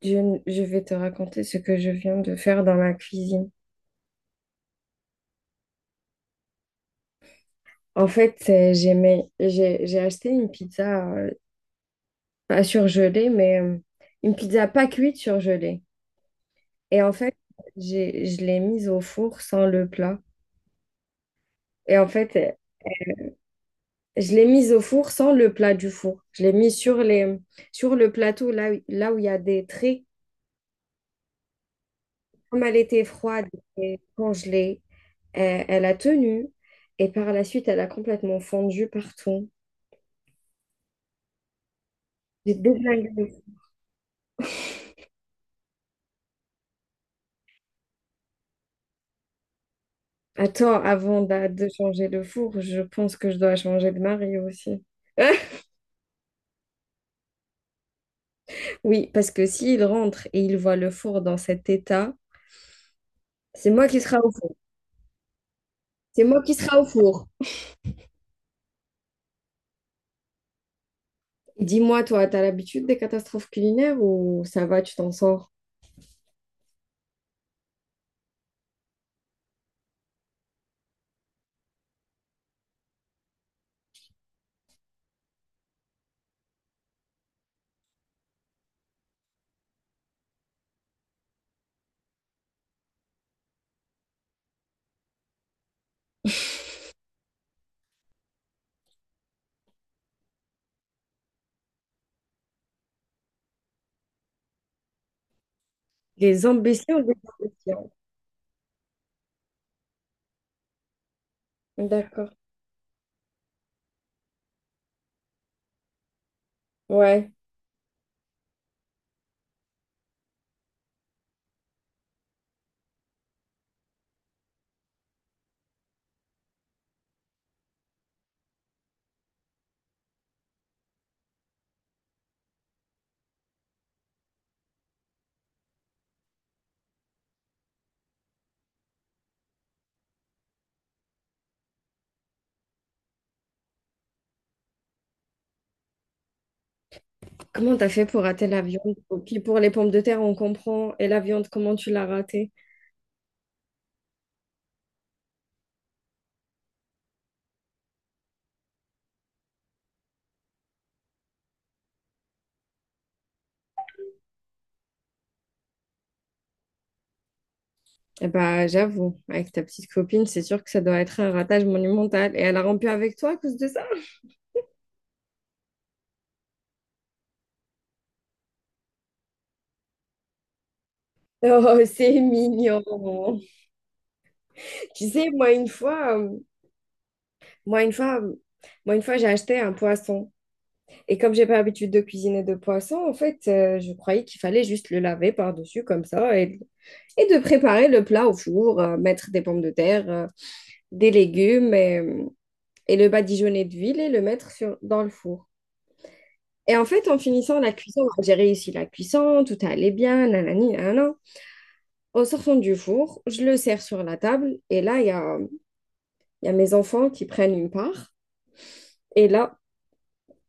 Je vais te raconter ce que je viens de faire dans ma cuisine. En fait, j'ai acheté une pizza, pas surgelée, mais une pizza pas cuite surgelée. Et en fait, je l'ai mise au four sans le plat. Et en fait, je l'ai mise au four sans le plat du four. Je l'ai mise sur sur le plateau, là, là où il y a des traits. Comme elle était froide et congelée, elle a tenu. Et par la suite, elle a complètement fondu partout. J'ai déglingué. Attends, avant de changer le four, je pense que je dois changer de mari aussi. Oui, parce que s'il rentre et il voit le four dans cet état, c'est moi qui sera au four. C'est moi qui sera au four. Et dis-moi, toi, t'as l'habitude des catastrophes culinaires ou ça va, tu t'en sors? Des ambitions, des ambitions. D'accord. Ouais. Comment t'as fait pour rater la viande? Ok, pour les pommes de terre, on comprend. Et la viande, comment tu l'as ratée? Eh bah, j'avoue, avec ta petite copine, c'est sûr que ça doit être un ratage monumental. Et elle a rompu avec toi à cause de ça? Oh, c'est mignon. Tu sais, moi une fois, moi une fois, euh, moi une fois, j'ai acheté un poisson. Et comme j'ai pas l'habitude de cuisiner de poisson, en fait, je croyais qu'il fallait juste le laver par-dessus comme ça et de préparer le plat au four, mettre des pommes de terre, des légumes et le badigeonner d'huile et le mettre dans le four. Et en fait, en finissant la cuisson, hein, j'ai réussi la cuisson, tout allait bien, nanani, nanana. En sortant du four, je le sers sur la table et là, il y a mes enfants qui prennent une part. Et là,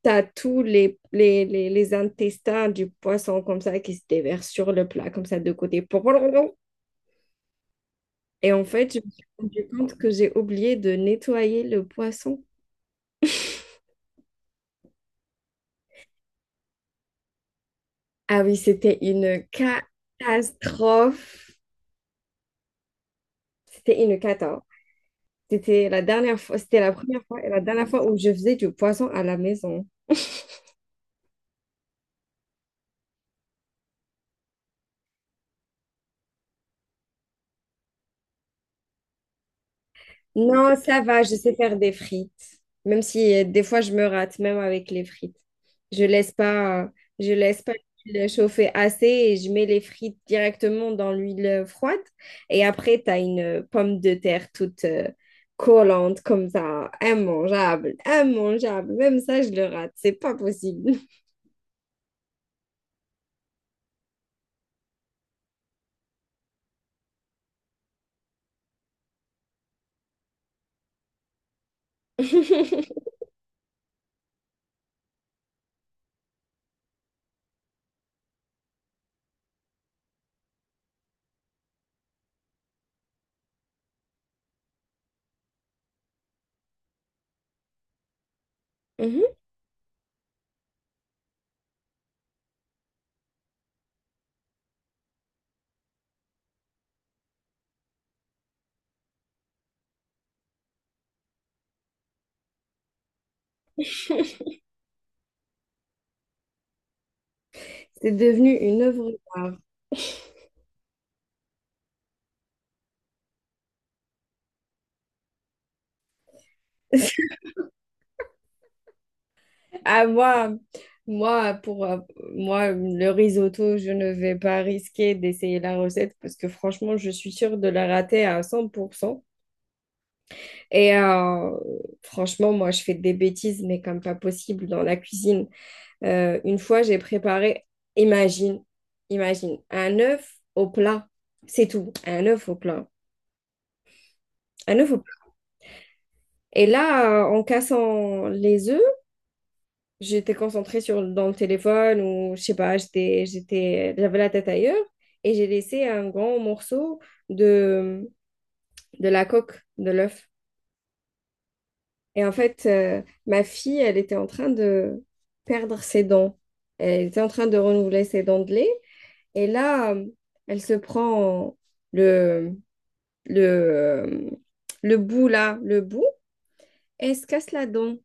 tu as tous les intestins du poisson comme ça qui se déversent sur le plat, comme ça de côté. Et en fait, je me suis rendu compte que j'ai oublié de nettoyer le poisson. Ah oui, c'était une catastrophe. C'était une cata. C'était la première fois et la dernière fois où je faisais du poisson à la maison. Non, ça va, je sais faire des frites. Même si des fois je me rate, même avec les frites. Je laisse pas, euh, je laisse pas l'huile chauffer assez et je mets les frites directement dans l'huile froide. Et après, tu as une pomme de terre toute collante comme ça, immangeable, immangeable. Même ça, je le rate, c'est pas possible. Mhm. C'est devenu une œuvre d'art. Ah, moi, moi, pour euh, moi, le risotto, je ne vais pas risquer d'essayer la recette parce que franchement, je suis sûre de la rater à 100%. Et franchement, moi, je fais des bêtises, mais comme pas possible dans la cuisine. Une fois, imagine, imagine, un œuf au plat. C'est tout, un œuf au plat. Un œuf au plat. Et là, en cassant les œufs, j'étais concentrée dans le téléphone ou je sais pas, j'avais la tête ailleurs et j'ai laissé un grand morceau de, de la coque de l'œuf. Et en fait, ma fille, elle était en train de perdre ses dents. Elle était en train de renouveler ses dents de lait. Et là, elle se prend le, le, euh, le bout et elle se casse la dent.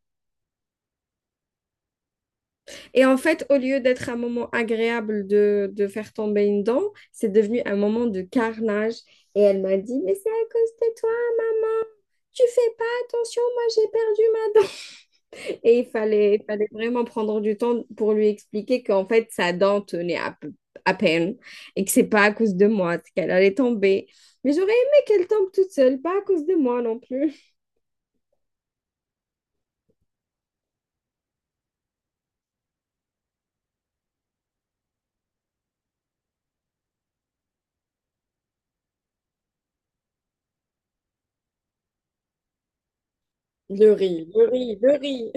Et en fait, au lieu d'être un moment agréable de faire tomber une dent, c'est devenu un moment de carnage. Et elle m'a dit, mais c'est à cause de toi, maman. Tu fais pas attention, moi j'ai perdu ma dent. Et il fallait vraiment prendre du temps pour lui expliquer qu'en fait, sa dent tenait à peine et que c'est pas à cause de moi qu'elle allait tomber. Mais j'aurais aimé qu'elle tombe toute seule, pas à cause de moi non plus. Le riz, le riz, le riz.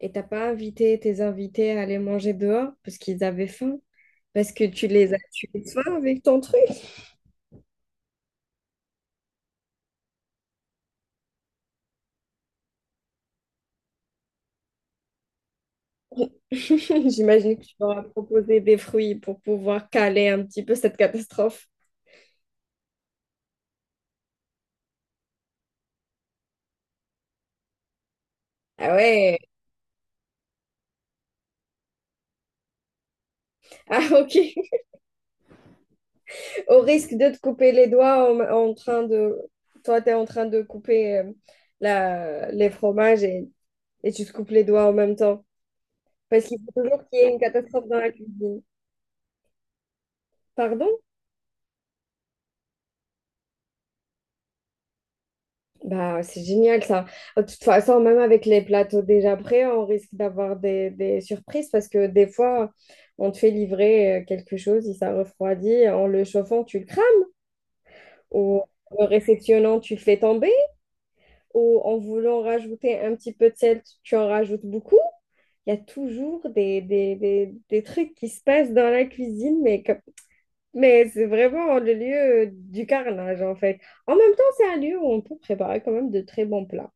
Et t'as pas invité tes invités à aller manger dehors parce qu'ils avaient faim? Parce que tu les as tués de faim avec ton truc. J'imagine que tu leur as proposé des fruits pour pouvoir caler un petit peu cette catastrophe. Ah ouais, ah ok. Au risque de te couper les doigts en train de... Toi, tu es en train de couper les fromages et tu te coupes les doigts en même temps. Parce qu'il faut toujours qu'il y ait une catastrophe dans la cuisine. Pardon? Bah, c'est génial ça. De toute façon, même avec les plateaux déjà prêts, on risque d'avoir des surprises parce que des fois, on te fait livrer quelque chose, et ça refroidit, en le chauffant, tu le crames, ou en le réceptionnant, tu le fais tomber, ou en voulant rajouter un petit peu de sel, tu en rajoutes beaucoup. Il y a toujours des trucs qui se passent dans la cuisine, mais c'est vraiment le lieu du carnage en fait. En même temps, c'est un lieu où on peut préparer quand même de très bons plats.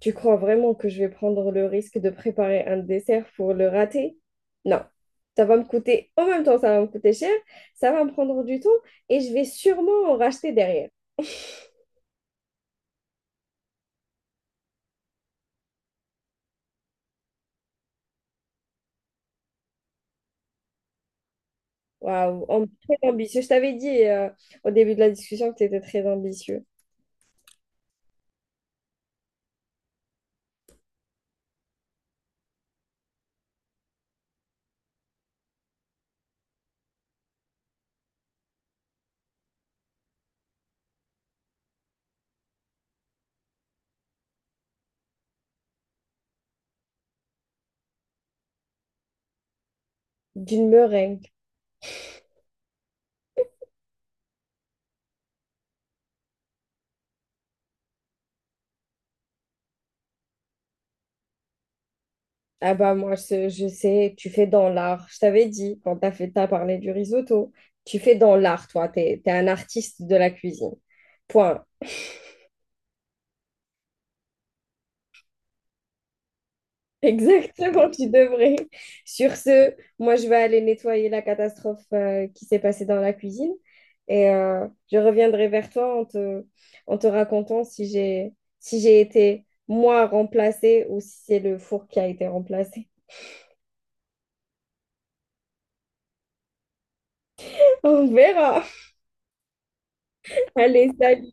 Tu crois vraiment que je vais prendre le risque de préparer un dessert pour le rater? Non. Ça va me coûter cher, ça va me prendre du temps et je vais sûrement en racheter derrière. Waouh, Am- très ambitieux. Je t'avais dit au début de la discussion que tu étais très ambitieux. D'une meringue. Ah bah moi, je sais, tu fais dans l'art. Je t'avais dit, t'as parlé du risotto, tu fais dans l'art, toi. T'es un artiste de la cuisine. Point. Exactement, tu devrais. Sur ce, moi, je vais aller nettoyer la catastrophe qui s'est passée dans la cuisine et je reviendrai vers en te racontant si j'ai si j'ai été moi remplacée ou si c'est le four qui a été remplacé. On verra. Allez, salut.